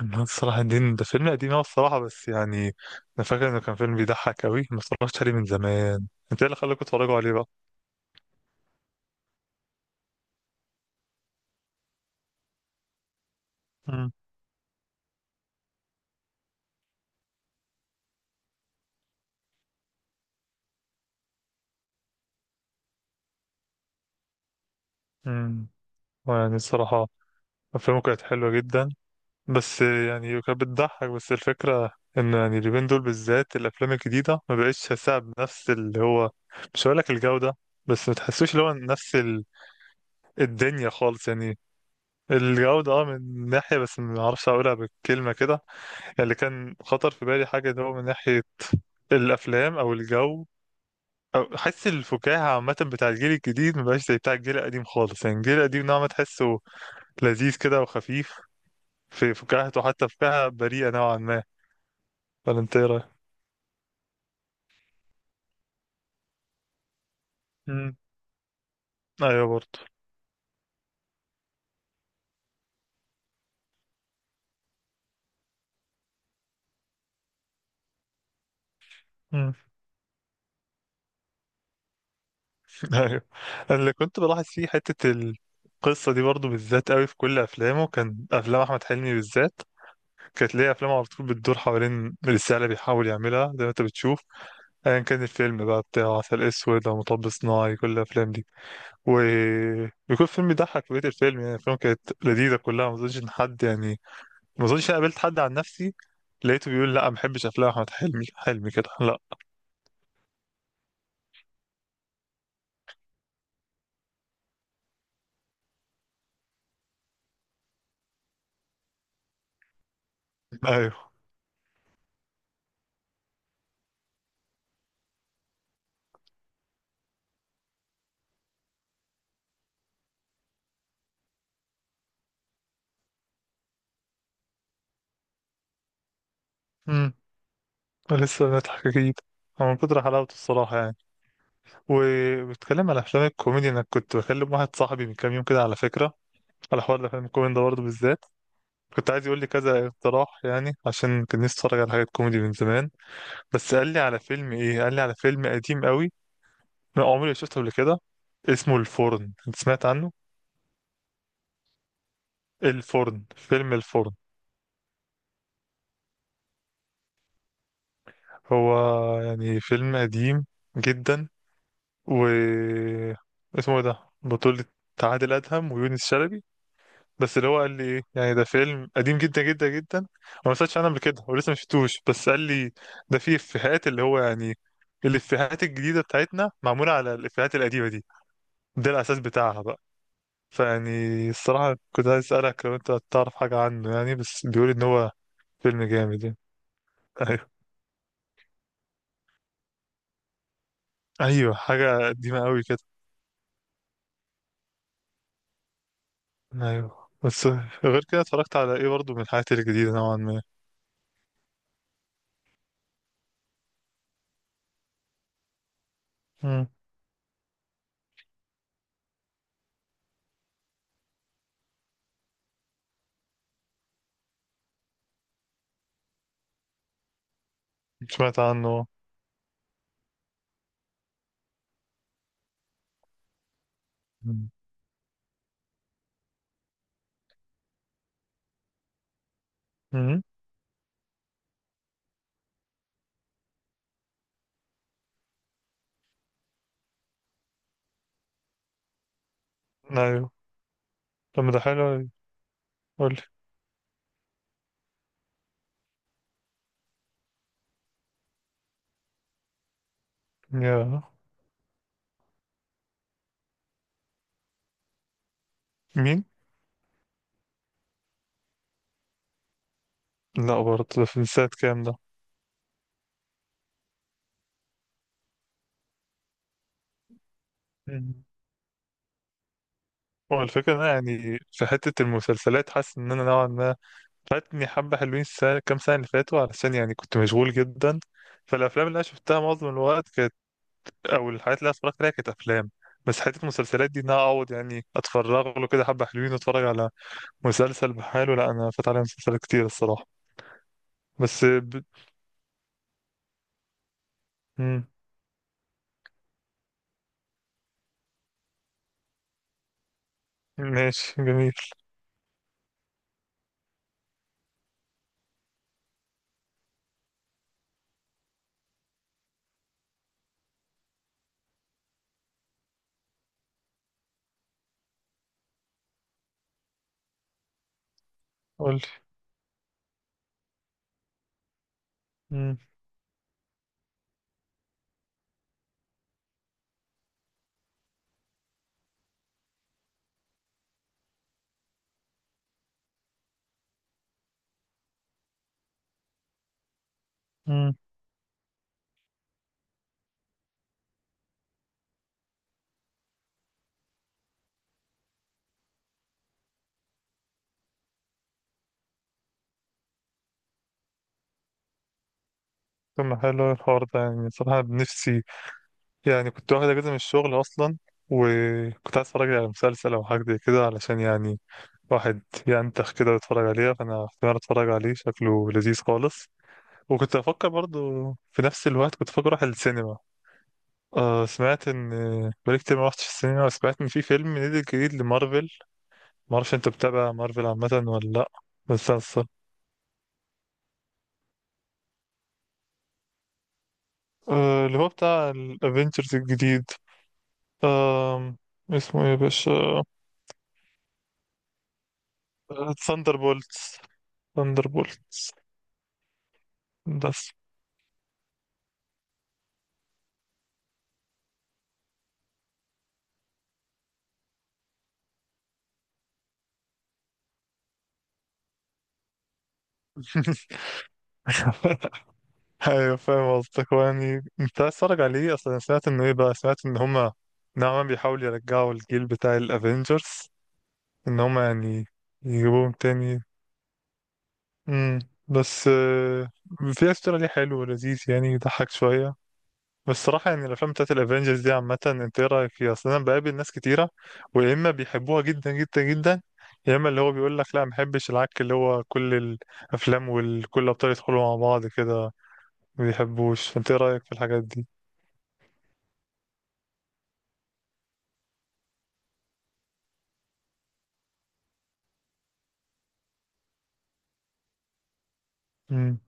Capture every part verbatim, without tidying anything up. أنا الصراحة دين ده فيلم قديم أوي الصراحة، بس يعني أنا فاكر إنه كان فيلم بيضحك أوي، ما اتفرجتش عليه من زمان. أنت إيه اللي خلاكوا تتفرجوا عليه بقى؟ امم. امم. يعني الصراحة، أفلامه كانت حلوة جدا، بس يعني كانت بتضحك. بس الفكرة إن يعني اليومين دول بالذات الأفلام الجديدة ما بقتش هساها بنفس اللي هو، مش هقولك الجودة، بس ما تحسوش اللي هو نفس ال- الدنيا خالص يعني. الجودة اه، من ناحية بس ما أعرفش أقولها بالكلمة كده. اللي كان خطر في بالي حاجة، اللي هو من ناحية الأفلام أو الجو أو حس الفكاهة عامة، بتاع الجيل الجديد مبقاش زي بتاع الجيل القديم خالص. يعني الجيل القديم نوعا ما تحسه لذيذ كده وخفيف، في فكاهته حتى، فكاهة بريئة نوعا ما. ولا أنت إيه رأيك؟ مم. أيوه برضه. مم. أيوه. اللي كنت بلاحظ فيه حتة القصة دي برضه، بالذات قوي في كل أفلامه، كان أفلام أحمد حلمي بالذات كانت ليه أفلام على طول بتدور حوالين الرسالة اللي بيحاول يعملها، زي ما أنت بتشوف. ايا كان الفيلم بقى بتاع عسل اسود او مطب صناعي، كل الافلام دي وبيكون فيلم يضحك بقية الفيلم. يعني الافلام كانت لذيذه كلها، ما اظنش ان حد يعني، ما اظنش انا قابلت حد عن نفسي لقيته بيقول لا ما بحبش افلام احمد حلمي حلمي كده، لا. ايوه. امم. لسه بنضحك اكيد. هو من كتر حلاوته الصراحه يعني. وبتكلم على افلام الكوميدي، انا كنت بكلم واحد صاحبي من كام يوم كده على فكره، على حوار الافلام الكوميدي ده برضه بالذات. كنت عايز يقول لي كذا اقتراح يعني، عشان كان نفسي اتفرج على حاجات كوميدي من زمان. بس قال لي على فيلم ايه، قال لي على فيلم قديم قوي، انا عمري ما شفته قبل كده. اسمه الفرن، انت سمعت عنه؟ الفرن، فيلم الفرن. هو يعني فيلم قديم جدا و اسمه ايه ده، بطولة عادل أدهم ويونس شلبي. بس اللي هو قال لي ايه، يعني ده فيلم قديم جدا جدا جدا، انا ما سمعتش عنه قبل كده ولسه ما شفتوش، بس قال لي ده فيه افيهات اللي هو، يعني الافيهات الجديدة بتاعتنا معمولة على الافيهات القديمة دي، ده الأساس بتاعها بقى. فيعني الصراحة كنت عايز أسألك لو أنت تعرف حاجة عنه يعني، بس بيقول إن هو فيلم جامد يعني. أيوه. أيوه، حاجة قديمة أوي كده. أيوه بس غير كده، اتفرجت على إيه برضه من الحاجات الجديدة نوعا ما؟ مم. سمعت عنه. مم. مم. أيوه. طب ما ده حلو أوي. قولي. يا مين؟ لا برضه، ده في سنة كام ده؟ مم. هو الفكرة إن أنا يعني في حتة المسلسلات حاسس إن أنا نوعا ما فاتني حبة حلوين، السنة كام سنة اللي فاتوا علشان يعني كنت مشغول جدا. فالأفلام اللي أنا شفتها معظم الوقت كانت، أو الحاجات اللي أنا اتفرجت عليها، كانت أفلام. بس حتة المسلسلات دي، إن أنا أقعد يعني أتفرغ له كده حبة حلوين وأتفرج على مسلسل بحاله، لا، أنا فات عليا مسلسلات كتير الصراحة. بس ب... مم. ماشي جميل. قولي. مم. مم. طب ما حلو الحوار ده يعني، صراحة بنفسي يعني كنت واخد اجازه من الشغل اصلا، وكنت عايز اتفرج على مسلسل او حاجه زي كده علشان يعني واحد ينتخ كده ويتفرج عليها. فانا احتمال اتفرج عليه، شكله لذيذ خالص. وكنت افكر برضو في نفس الوقت، كنت افكر اروح السينما. آه سمعت ان، بقالي كتير ما رحتش السينما، وسمعت ان في فيلم نزل جديد لمارفل. ما اعرفش انت بتتابع مارفل عامه ولا لا. مسلسل. آه، اللي هو بتاع الافينجرز الجديد. آه. اسمه ايه يا باشا؟ ثاندر بولتس. ثاندر، بس. ايوه فاهم قصدك. هو يعني انت عايز تتفرج عليه اصلا؟ سمعت انه ايه بقى، سمعت ان هما نوعا ما بيحاولوا يرجعوا الجيل بتاع الافينجرز، ان هما يعني يجيبوهم تاني. امم. بس آه، في استرا ليه حلو ولذيذ، يعني يضحك شويه. بس الصراحه يعني الافلام بتاعت الافينجرز دي عامه، انت ايه رايك فيها اصلا؟ انا بقابل ناس كتيره، ويا اما بيحبوها جدا جدا جدا، يا اما اللي هو بيقول لك لا ما بحبش العك، اللي هو كل الافلام وكل الابطال يدخلوا مع بعض كده ما بيحبوش. فانت ايه رأيك في الحاجات دي؟ امم.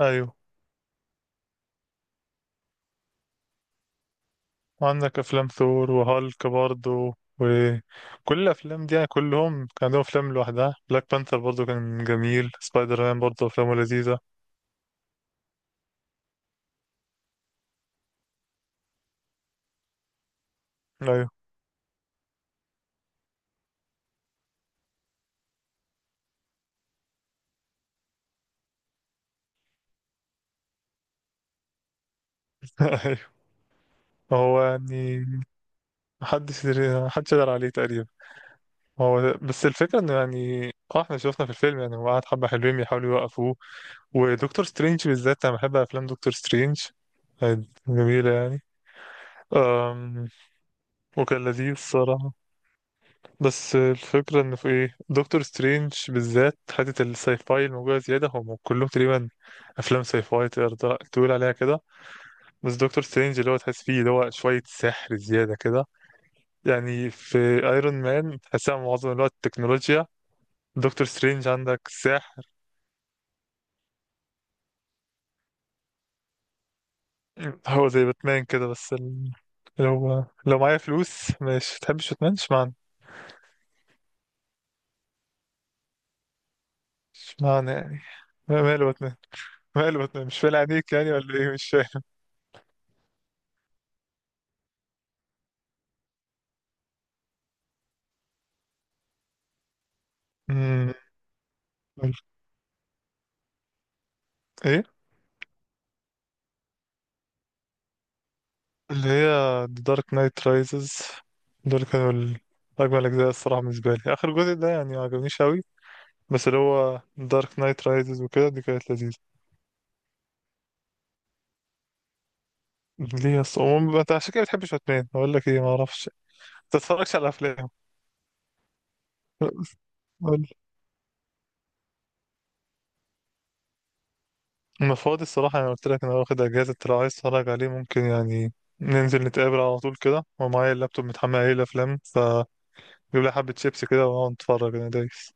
ايوه. وعندك افلام ثور وهالك برضو، وكل الافلام دي يعني كلهم كان عندهم افلام لوحدها. بلاك بانثر برضو كان جميل، سبايدر مان برضو افلامه لذيذة. ايوه. ايوه. هو يعني محدش يدري- محدش يقدر عليه تقريبا. هو بس الفكرة انه يعني، اه احنا شفنا في الفيلم يعني هو قعد حبة حلوين بيحاولوا يوقفوه، ودكتور سترينج بالذات، انا بحب افلام دكتور سترينج، كانت جميلة يعني. أم، وكان لذيذ الصراحة. بس الفكرة إن في إيه، دكتور سترينج بالذات حتة الساي فاي الموجودة زيادة، هم كلهم تقريبا أفلام ساي فاي تقدر تقول عليها كده، بس دكتور سترينج اللي هو تحس فيه اللي هو شوية سحر زيادة كده. يعني في أيرون مان تحسها معظم الوقت تكنولوجيا، دكتور سترينج عندك سحر. هو زي باتمان كده، بس ال... لو لو معايا فلوس، مش تحبش باتمان اشمعنى؟ اشمعنى يعني؟ ما- ماله باتمان؟ ماله باتمان، مش فايل عليك يعني ولا ايه؟ مش فاهم. أمم، ايه؟ اللي هي The Dark Knight Rises، دول كانوا ال- أجمل أجزاء الصراحة. بالنسبة لي آخر جزء ده يعني معجبنيش أوي، بس اللي هو Dark Knight Rises وكده، دي كانت لذيذة. ليه أصلا؟ عموما أنت عشان كده بتحبش باتمان؟ أقول لك إيه، معرفش، متتفرجش على أفلام. قول. أنا فاضي الصراحة، أنا قلت لك أنا واخد أجازة، لو عايز تتفرج عليه ممكن يعني ننزل نتقابل على طول كده، ومعايا اللابتوب متحمل عليه الأفلام. فجيب لي حبة شيبسي كده ونقعد نتفرج، أنا دايس.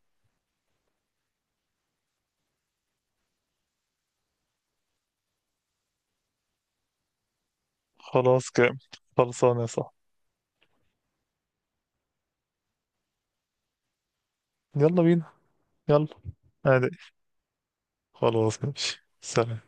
خلاص كام. خلصانة يا صاحبي. يلا بينا. يلا. أنا، خلاص ماشي، سلام.